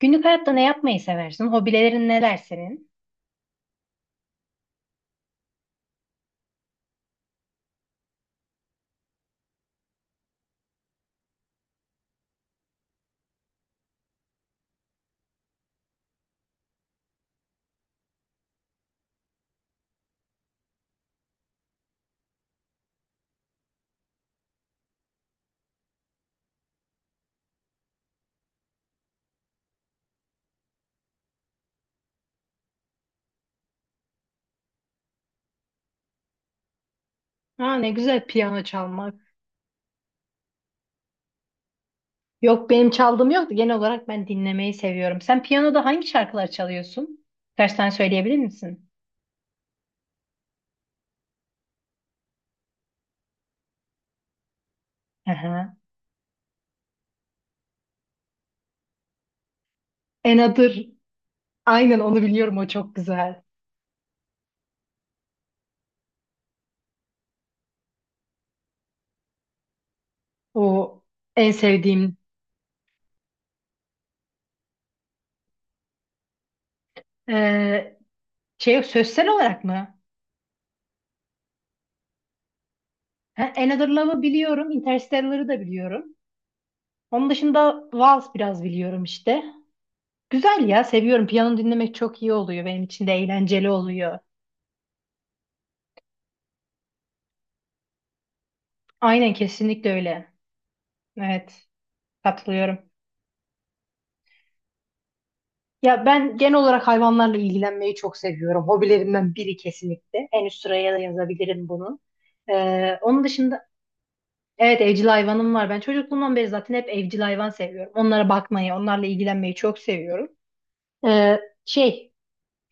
Günlük hayatta ne yapmayı seversin? Hobilerin neler senin? Ha ne güzel piyano çalmak. Yok benim çaldığım yok da genel olarak ben dinlemeyi seviyorum. Sen piyanoda hangi şarkılar çalıyorsun? Birkaç tane söyleyebilir misin? Aha. Enadır. Aynen onu biliyorum, o çok güzel. O en sevdiğim. Ee, Şey, sözsel olarak mı? Ha, Another Love'ı biliyorum, Interstellar'ı da biliyorum. Onun dışında Vals biraz biliyorum işte. Güzel ya, seviyorum. Piyano dinlemek çok iyi oluyor, benim için de eğlenceli oluyor. Aynen, kesinlikle öyle. Evet, katılıyorum. Ya ben genel olarak hayvanlarla ilgilenmeyi çok seviyorum. Hobilerimden biri kesinlikle. En üst sıraya da yazabilirim bunu. Onun dışında evet evcil hayvanım var. Ben çocukluğumdan beri zaten hep evcil hayvan seviyorum. Onlara bakmayı, onlarla ilgilenmeyi çok seviyorum. Ee, şey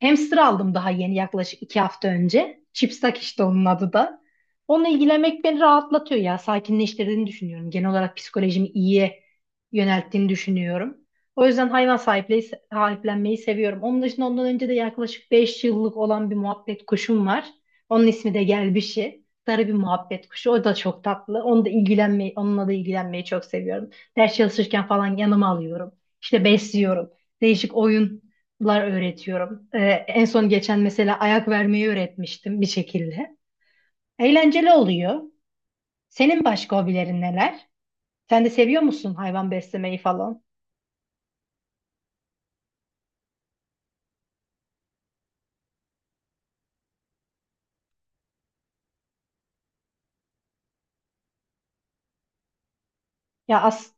Hamster aldım daha yeni, yaklaşık 2 hafta önce. Chipsak işte onun adı da. Onunla ilgilenmek beni rahatlatıyor ya. Sakinleştirdiğini düşünüyorum. Genel olarak psikolojimi iyiye yönelttiğini düşünüyorum. O yüzden hayvan sahipliği, sahiplenmeyi seviyorum. Onun dışında, ondan önce de yaklaşık 5 yıllık olan bir muhabbet kuşum var. Onun ismi de Gelbişi. Sarı bir muhabbet kuşu. O da çok tatlı. Onu da ilgilenmeyi, onunla da ilgilenmeyi çok seviyorum. Ders çalışırken falan yanıma alıyorum. İşte besliyorum. Değişik oyun öğretiyorum. En son geçen mesela ayak vermeyi öğretmiştim bir şekilde. Eğlenceli oluyor. Senin başka hobilerin neler? Sen de seviyor musun hayvan beslemeyi falan? Ya as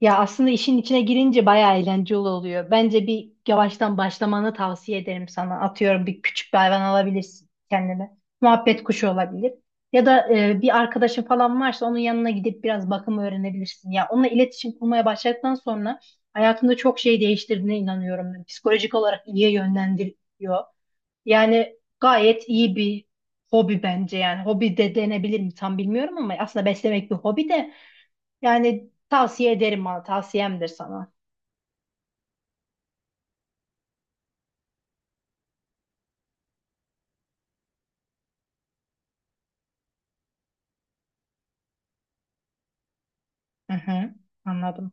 Ya aslında işin içine girince bayağı eğlenceli oluyor. Bence bir yavaştan başlamanı tavsiye ederim sana. Atıyorum, bir küçük bir hayvan alabilirsin kendine. Muhabbet kuşu olabilir. Ya da bir arkadaşın falan varsa onun yanına gidip biraz bakım öğrenebilirsin. Ya onunla iletişim kurmaya başladıktan sonra hayatında çok şey değiştirdiğine inanıyorum ben. Psikolojik olarak iyiye yönlendiriyor. Yani gayet iyi bir hobi bence yani. Hobi de denebilir mi tam bilmiyorum ama aslında beslemek bir hobi de. Yani tavsiye ederim bana, tavsiyemdir sana. Hı hı, anladım.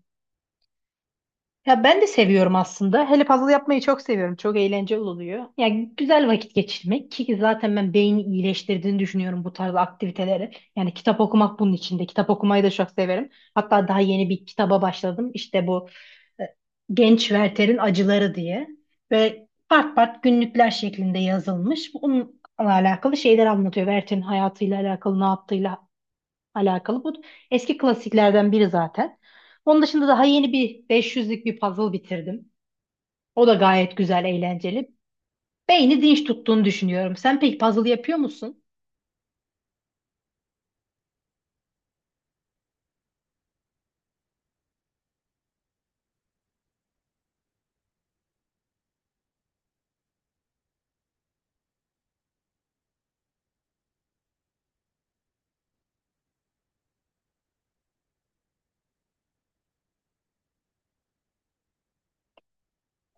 Ya ben de seviyorum aslında. Hele puzzle yapmayı çok seviyorum. Çok eğlenceli oluyor. Yani güzel vakit geçirmek, ki zaten ben beyni iyileştirdiğini düşünüyorum bu tarz aktiviteleri. Yani kitap okumak bunun içinde. Kitap okumayı da çok severim. Hatta daha yeni bir kitaba başladım. İşte bu e, Genç Werther'in Acıları diye. Böyle part part günlükler şeklinde yazılmış. Bununla alakalı şeyler anlatıyor. Werther'in hayatıyla alakalı, ne yaptığıyla alakalı. Bu eski klasiklerden biri zaten. Onun dışında daha yeni bir 500'lük bir puzzle bitirdim. O da gayet güzel, eğlenceli. Beyni dinç tuttuğunu düşünüyorum. Sen peki puzzle yapıyor musun?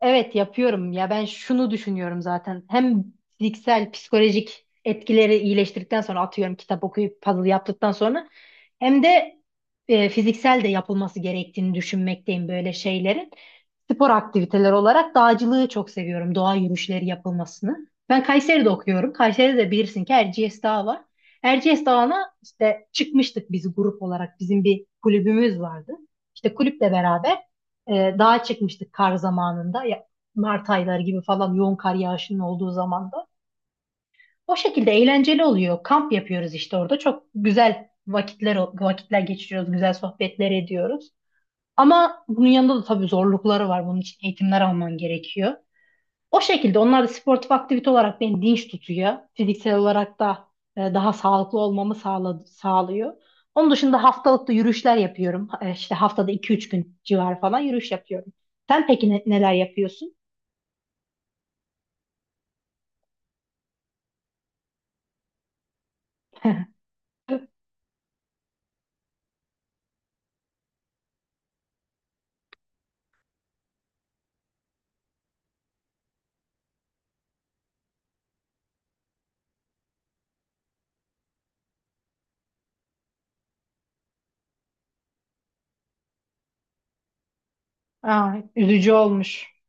Evet yapıyorum ya, ben şunu düşünüyorum zaten. Hem fiziksel, psikolojik etkileri iyileştirdikten sonra, atıyorum kitap okuyup puzzle yaptıktan sonra, hem de fiziksel de yapılması gerektiğini düşünmekteyim böyle şeylerin. Spor aktiviteler olarak dağcılığı çok seviyorum. Doğa yürüyüşleri yapılmasını. Ben Kayseri'de okuyorum. Kayseri'de de bilirsin ki Erciyes Dağı var. Erciyes Dağı'na işte çıkmıştık biz grup olarak. Bizim bir kulübümüz vardı. İşte kulüple beraber dağa çıkmıştık kar zamanında. Ya, Mart ayları gibi falan yoğun kar yağışının olduğu zamanda. O şekilde eğlenceli oluyor. Kamp yapıyoruz işte orada. Çok güzel vakitler geçiriyoruz. Güzel sohbetler ediyoruz. Ama bunun yanında da tabii zorlukları var. Bunun için eğitimler alman gerekiyor. O şekilde onlar da sportif aktivite olarak beni dinç tutuyor. Fiziksel olarak da daha sağlıklı olmamı sağlıyor. Onun dışında haftalıkta yürüyüşler yapıyorum. İşte haftada 2 3 gün civarı falan yürüyüş yapıyorum. Sen peki neler yapıyorsun? Aa, üzücü olmuş.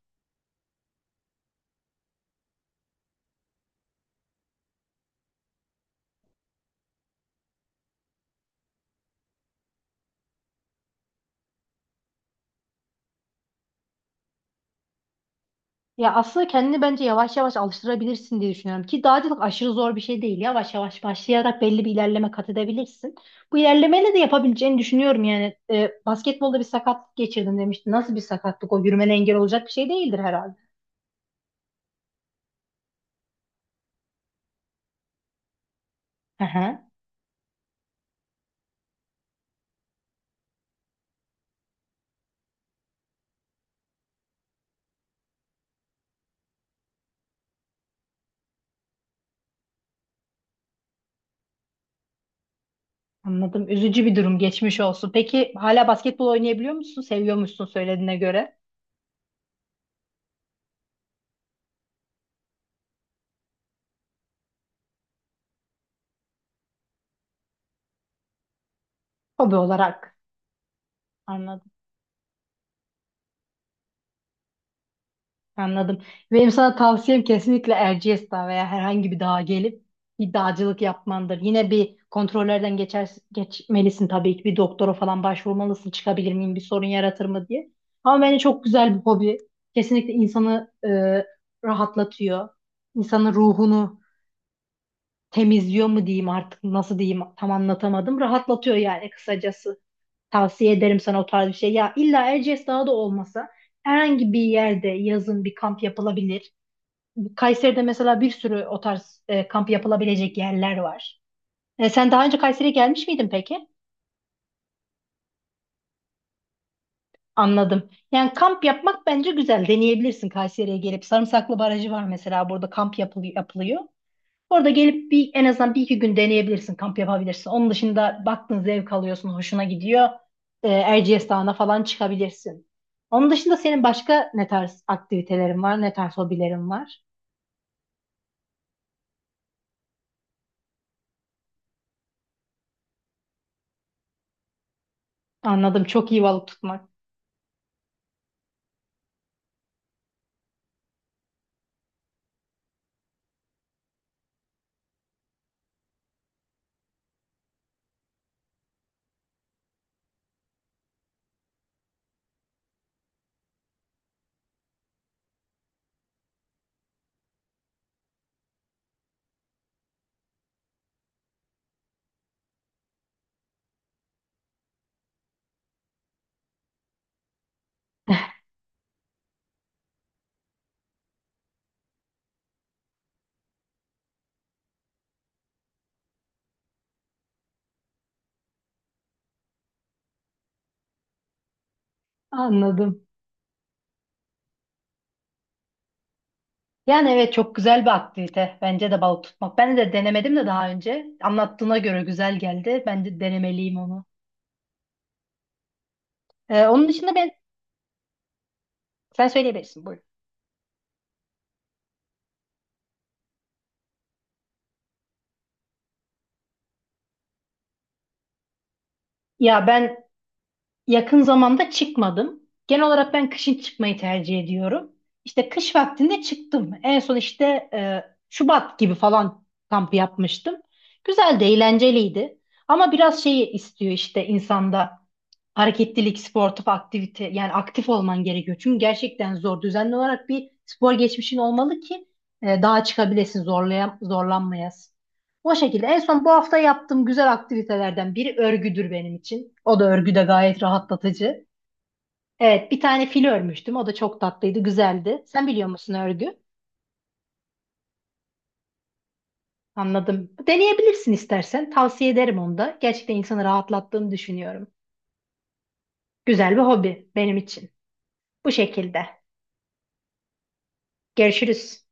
Ya aslında kendini bence yavaş yavaş alıştırabilirsin diye düşünüyorum. Ki dağcılık aşırı zor bir şey değil. Yavaş yavaş başlayarak belli bir ilerleme kat edebilirsin. Bu ilerlemeyle de yapabileceğini düşünüyorum yani. E, basketbolda bir sakatlık geçirdim demiştin. Nasıl bir sakatlık o? Yürümene engel olacak bir şey değildir herhalde. Hı hı. Anladım. Üzücü bir durum. Geçmiş olsun. Peki hala basketbol oynayabiliyor musun? Seviyormuşsun söylediğine göre. Hobi olarak. Anladım. Anladım. Benim sana tavsiyem kesinlikle Erciyes Dağı veya herhangi bir dağa gelip bir dağcılık yapmandır. Yine bir kontrollerden geçer, geçmelisin tabii ki. Bir doktora falan başvurmalısın. Çıkabilir miyim? Bir sorun yaratır mı diye. Ama bence çok güzel bir hobi. Kesinlikle insanı rahatlatıyor. İnsanın ruhunu temizliyor mu diyeyim, artık nasıl diyeyim, tam anlatamadım. Rahatlatıyor yani kısacası. Tavsiye ederim sana o tarz bir şey. Ya illa Erciyes Dağı da olmasa herhangi bir yerde yazın bir kamp yapılabilir. Kayseri'de mesela bir sürü o tarz kamp yapılabilecek yerler var. E, sen daha önce Kayseri'ye gelmiş miydin peki? Anladım. Yani kamp yapmak bence güzel. Deneyebilirsin Kayseri'ye gelip. Sarımsaklı Barajı var mesela, burada kamp yapılıyor, yapılıyor. Orada gelip bir en azından bir iki gün deneyebilirsin, kamp yapabilirsin. Onun dışında baktın zevk alıyorsun, hoşuna gidiyor. E, Erciyes Dağı'na falan çıkabilirsin. Onun dışında senin başka ne tarz aktivitelerin var, ne tarz hobilerin var? Anladım. Çok iyi balık tutmak. Anladım. Yani evet çok güzel bir aktivite. Bence de balık tutmak. Ben de denemedim de daha önce. Anlattığına göre güzel geldi. Ben de denemeliyim onu. Onun dışında sen söyleyebilirsin. Buyurun. Ya ben Yakın zamanda çıkmadım. Genel olarak ben kışın çıkmayı tercih ediyorum. İşte kış vaktinde çıktım. En son işte e, Şubat gibi falan kamp yapmıştım. Güzel de eğlenceliydi. Ama biraz şeyi istiyor işte insanda, hareketlilik, sportif aktivite, yani aktif olman gerekiyor. Çünkü gerçekten zor. Düzenli olarak bir spor geçmişin olmalı ki daha çıkabilesin, zorlanmayasın. O şekilde. En son bu hafta yaptığım güzel aktivitelerden biri örgüdür benim için. O da, örgü de gayet rahatlatıcı. Evet, bir tane fil örmüştüm. O da çok tatlıydı, güzeldi. Sen biliyor musun örgü? Anladım. Deneyebilirsin istersen. Tavsiye ederim onu da. Gerçekten insanı rahatlattığını düşünüyorum. Güzel bir hobi benim için. Bu şekilde. Görüşürüz.